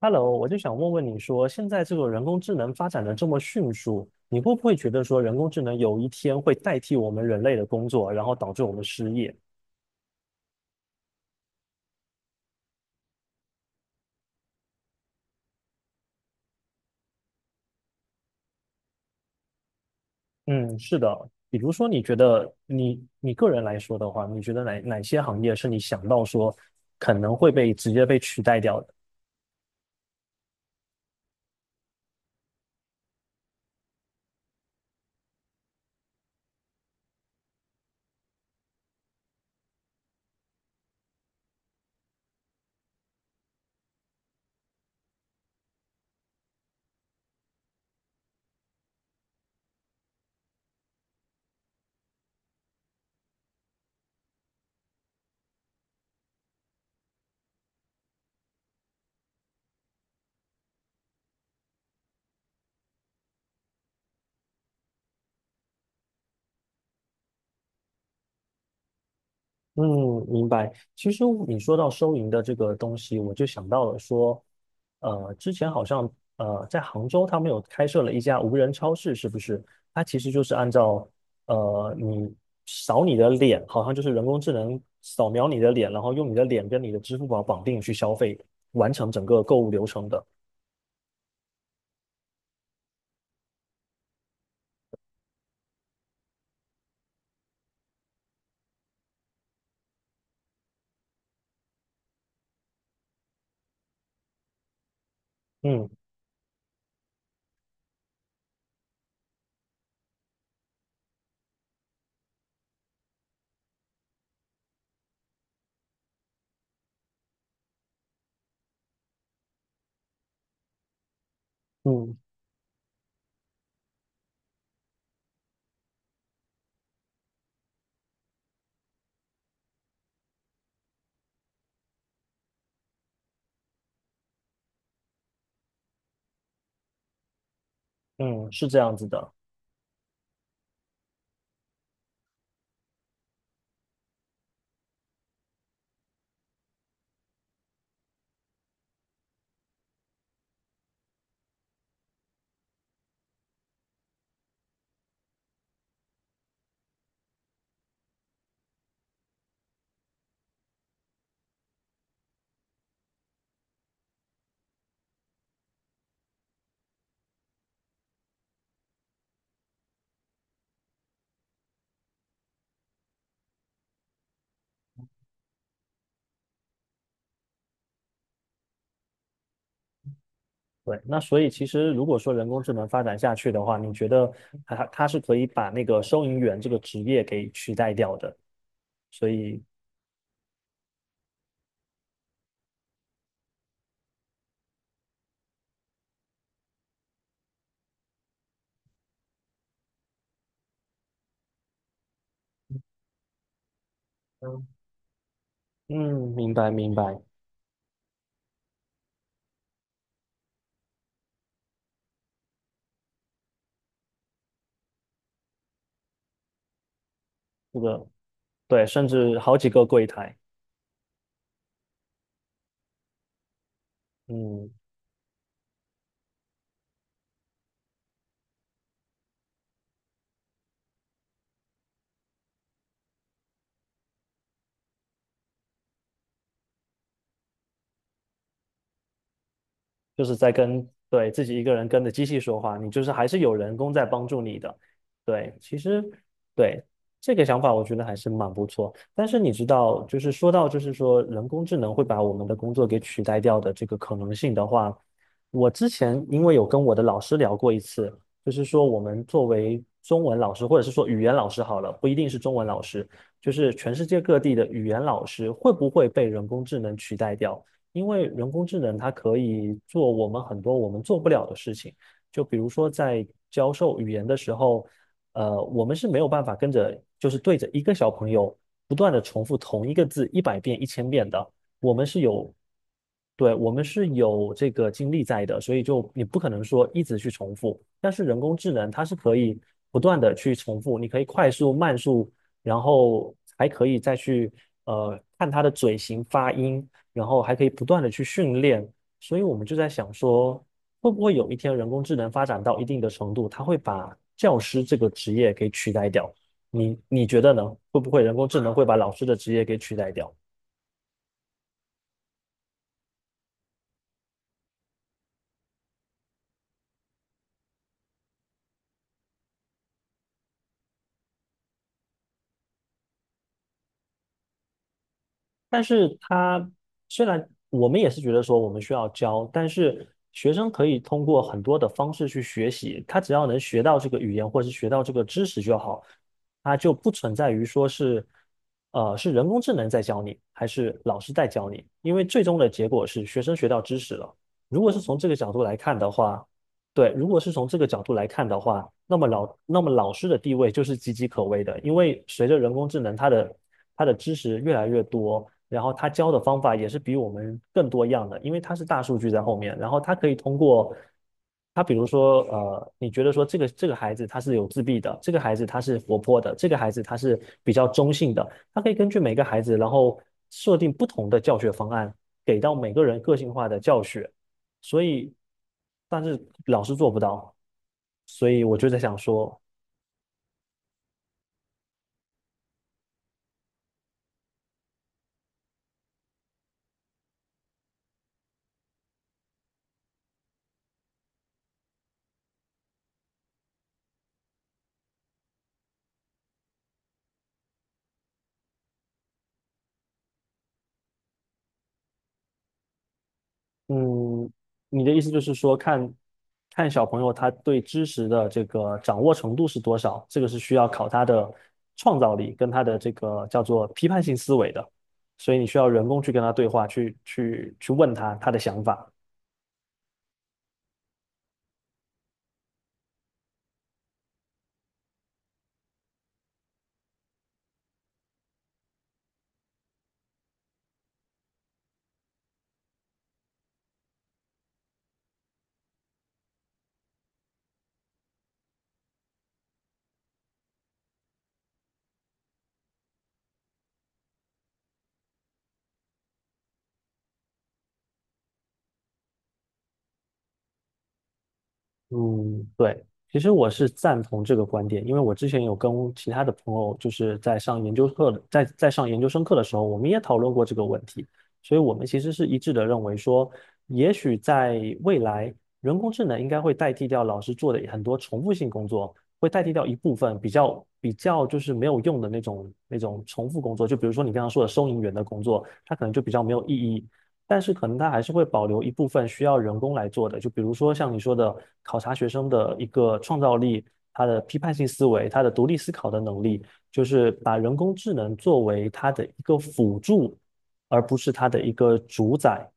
Hello，我就想问问你说，现在这个人工智能发展的这么迅速，你会不会觉得说人工智能有一天会代替我们人类的工作，然后导致我们失业？嗯，是的。比如说，你觉得你个人来说的话，你觉得哪些行业是你想到说可能会被直接被取代掉的？嗯，明白。其实你说到收银的这个东西，我就想到了说，之前好像在杭州他们有开设了一家无人超市，是不是？它其实就是按照你扫你的脸，好像就是人工智能扫描你的脸，然后用你的脸跟你的支付宝绑定去消费，完成整个购物流程的。嗯嗯嗯，是这样子的。对，那所以其实如果说人工智能发展下去的话，你觉得它是可以把那个收银员这个职业给取代掉的？所以，嗯，明白明白，这个对，甚至好几个柜台，嗯。就是在跟，对，自己一个人跟着机器说话，你就是还是有人工在帮助你的。对，其实对这个想法，我觉得还是蛮不错。但是你知道，就是说到就是说人工智能会把我们的工作给取代掉的这个可能性的话，我之前因为有跟我的老师聊过一次，就是说我们作为中文老师，或者是说语言老师好了，不一定是中文老师，就是全世界各地的语言老师会不会被人工智能取代掉？因为人工智能它可以做我们很多我们做不了的事情，就比如说在教授语言的时候，我们是没有办法跟着就是对着一个小朋友不断的重复同一个字一百遍、一千遍的，我们是有，对，我们是有这个精力在的，所以就你不可能说一直去重复，但是人工智能它是可以不断的去重复，你可以快速、慢速，然后还可以再去。看它的嘴型、发音，然后还可以不断的去训练。所以我们就在想说，会不会有一天人工智能发展到一定的程度，它会把教师这个职业给取代掉？你觉得呢？会不会人工智能会把老师的职业给取代掉？但是他虽然我们也是觉得说我们需要教，但是学生可以通过很多的方式去学习，他只要能学到这个语言或是学到这个知识就好，他就不存在于说是，是人工智能在教你，还是老师在教你，因为最终的结果是学生学到知识了。如果是从这个角度来看的话，对，如果是从这个角度来看的话，那么老师的地位就是岌岌可危的，因为随着人工智能，它的知识越来越多，然后它教的方法也是比我们更多样的，因为它是大数据在后面，然后它可以通过它，比如说你觉得说这个孩子他是有自闭的，这个孩子他是活泼的，这个孩子他是比较中性的，它可以根据每个孩子，然后设定不同的教学方案，给到每个人个性化的教学。所以，但是老师做不到，所以我就在想说，嗯，你的意思就是说，看看小朋友他对知识的这个掌握程度是多少，这个是需要考他的创造力跟他的这个叫做批判性思维的，所以你需要人工去跟他对话，去问他的想法。嗯，对，其实我是赞同这个观点，因为我之前有跟其他的朋友，就是在上研究课的，在上研究生课的时候，我们也讨论过这个问题，所以我们其实是一致的认为说，也许在未来，人工智能应该会代替掉老师做的很多重复性工作，会代替掉一部分比较就是没有用的那种重复工作，就比如说你刚刚说的收银员的工作，它可能就比较没有意义，但是可能它还是会保留一部分需要人工来做的，就比如说像你说的，考察学生的一个创造力、他的批判性思维、他的独立思考的能力，就是把人工智能作为他的一个辅助，而不是他的一个主宰。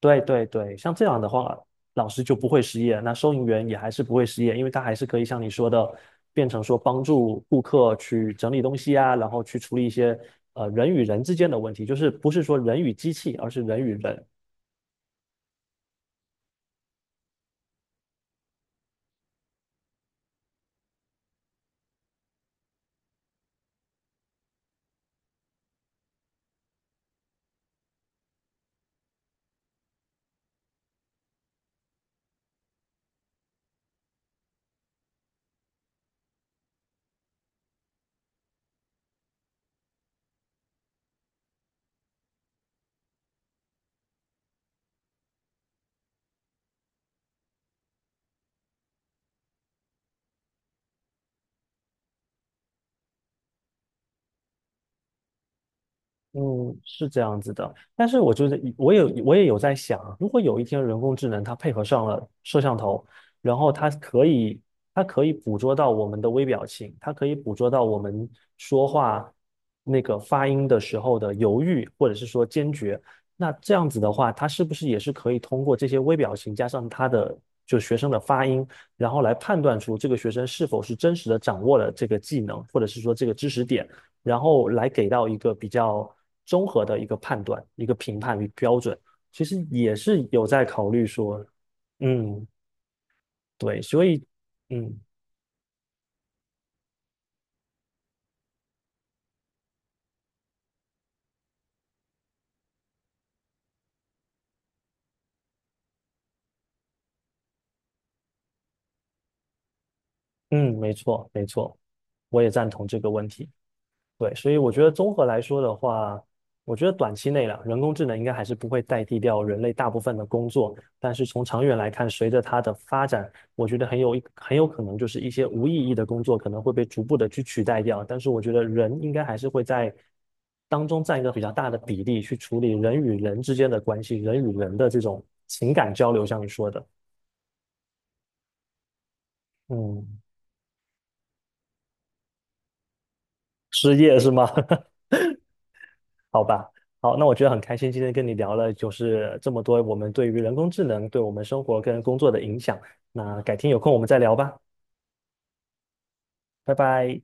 对对对，像这样的话，老师就不会失业，那收银员也还是不会失业，因为他还是可以像你说的，变成说帮助顾客去整理东西啊，然后去处理一些人与人之间的问题，就是不是说人与机器，而是人与人。嗯，是这样子的，但是我觉得我也有在想啊，如果有一天人工智能它配合上了摄像头，然后它可以捕捉到我们的微表情，它可以捕捉到我们说话那个发音的时候的犹豫或者是说坚决，那这样子的话，它是不是也是可以通过这些微表情加上就学生的发音，然后来判断出这个学生是否是真实的掌握了这个技能或者是说这个知识点？然后来给到一个比较综合的一个判断、一个评判与标准，其实也是有在考虑说，嗯，对，所以，嗯嗯，没错没错，我也赞同这个问题。对，所以我觉得综合来说的话，我觉得短期内了，人工智能应该还是不会代替掉人类大部分的工作，但是从长远来看，随着它的发展，我觉得很有可能就是一些无意义的工作可能会被逐步的去取代掉，但是我觉得人应该还是会在当中占一个比较大的比例去处理人与人之间的关系，人与人的这种情感交流，像你说的，嗯，失业是吗？好吧，好，那我觉得很开心，今天跟你聊了就是这么多我们对于人工智能对我们生活跟工作的影响。那改天有空我们再聊吧，拜拜。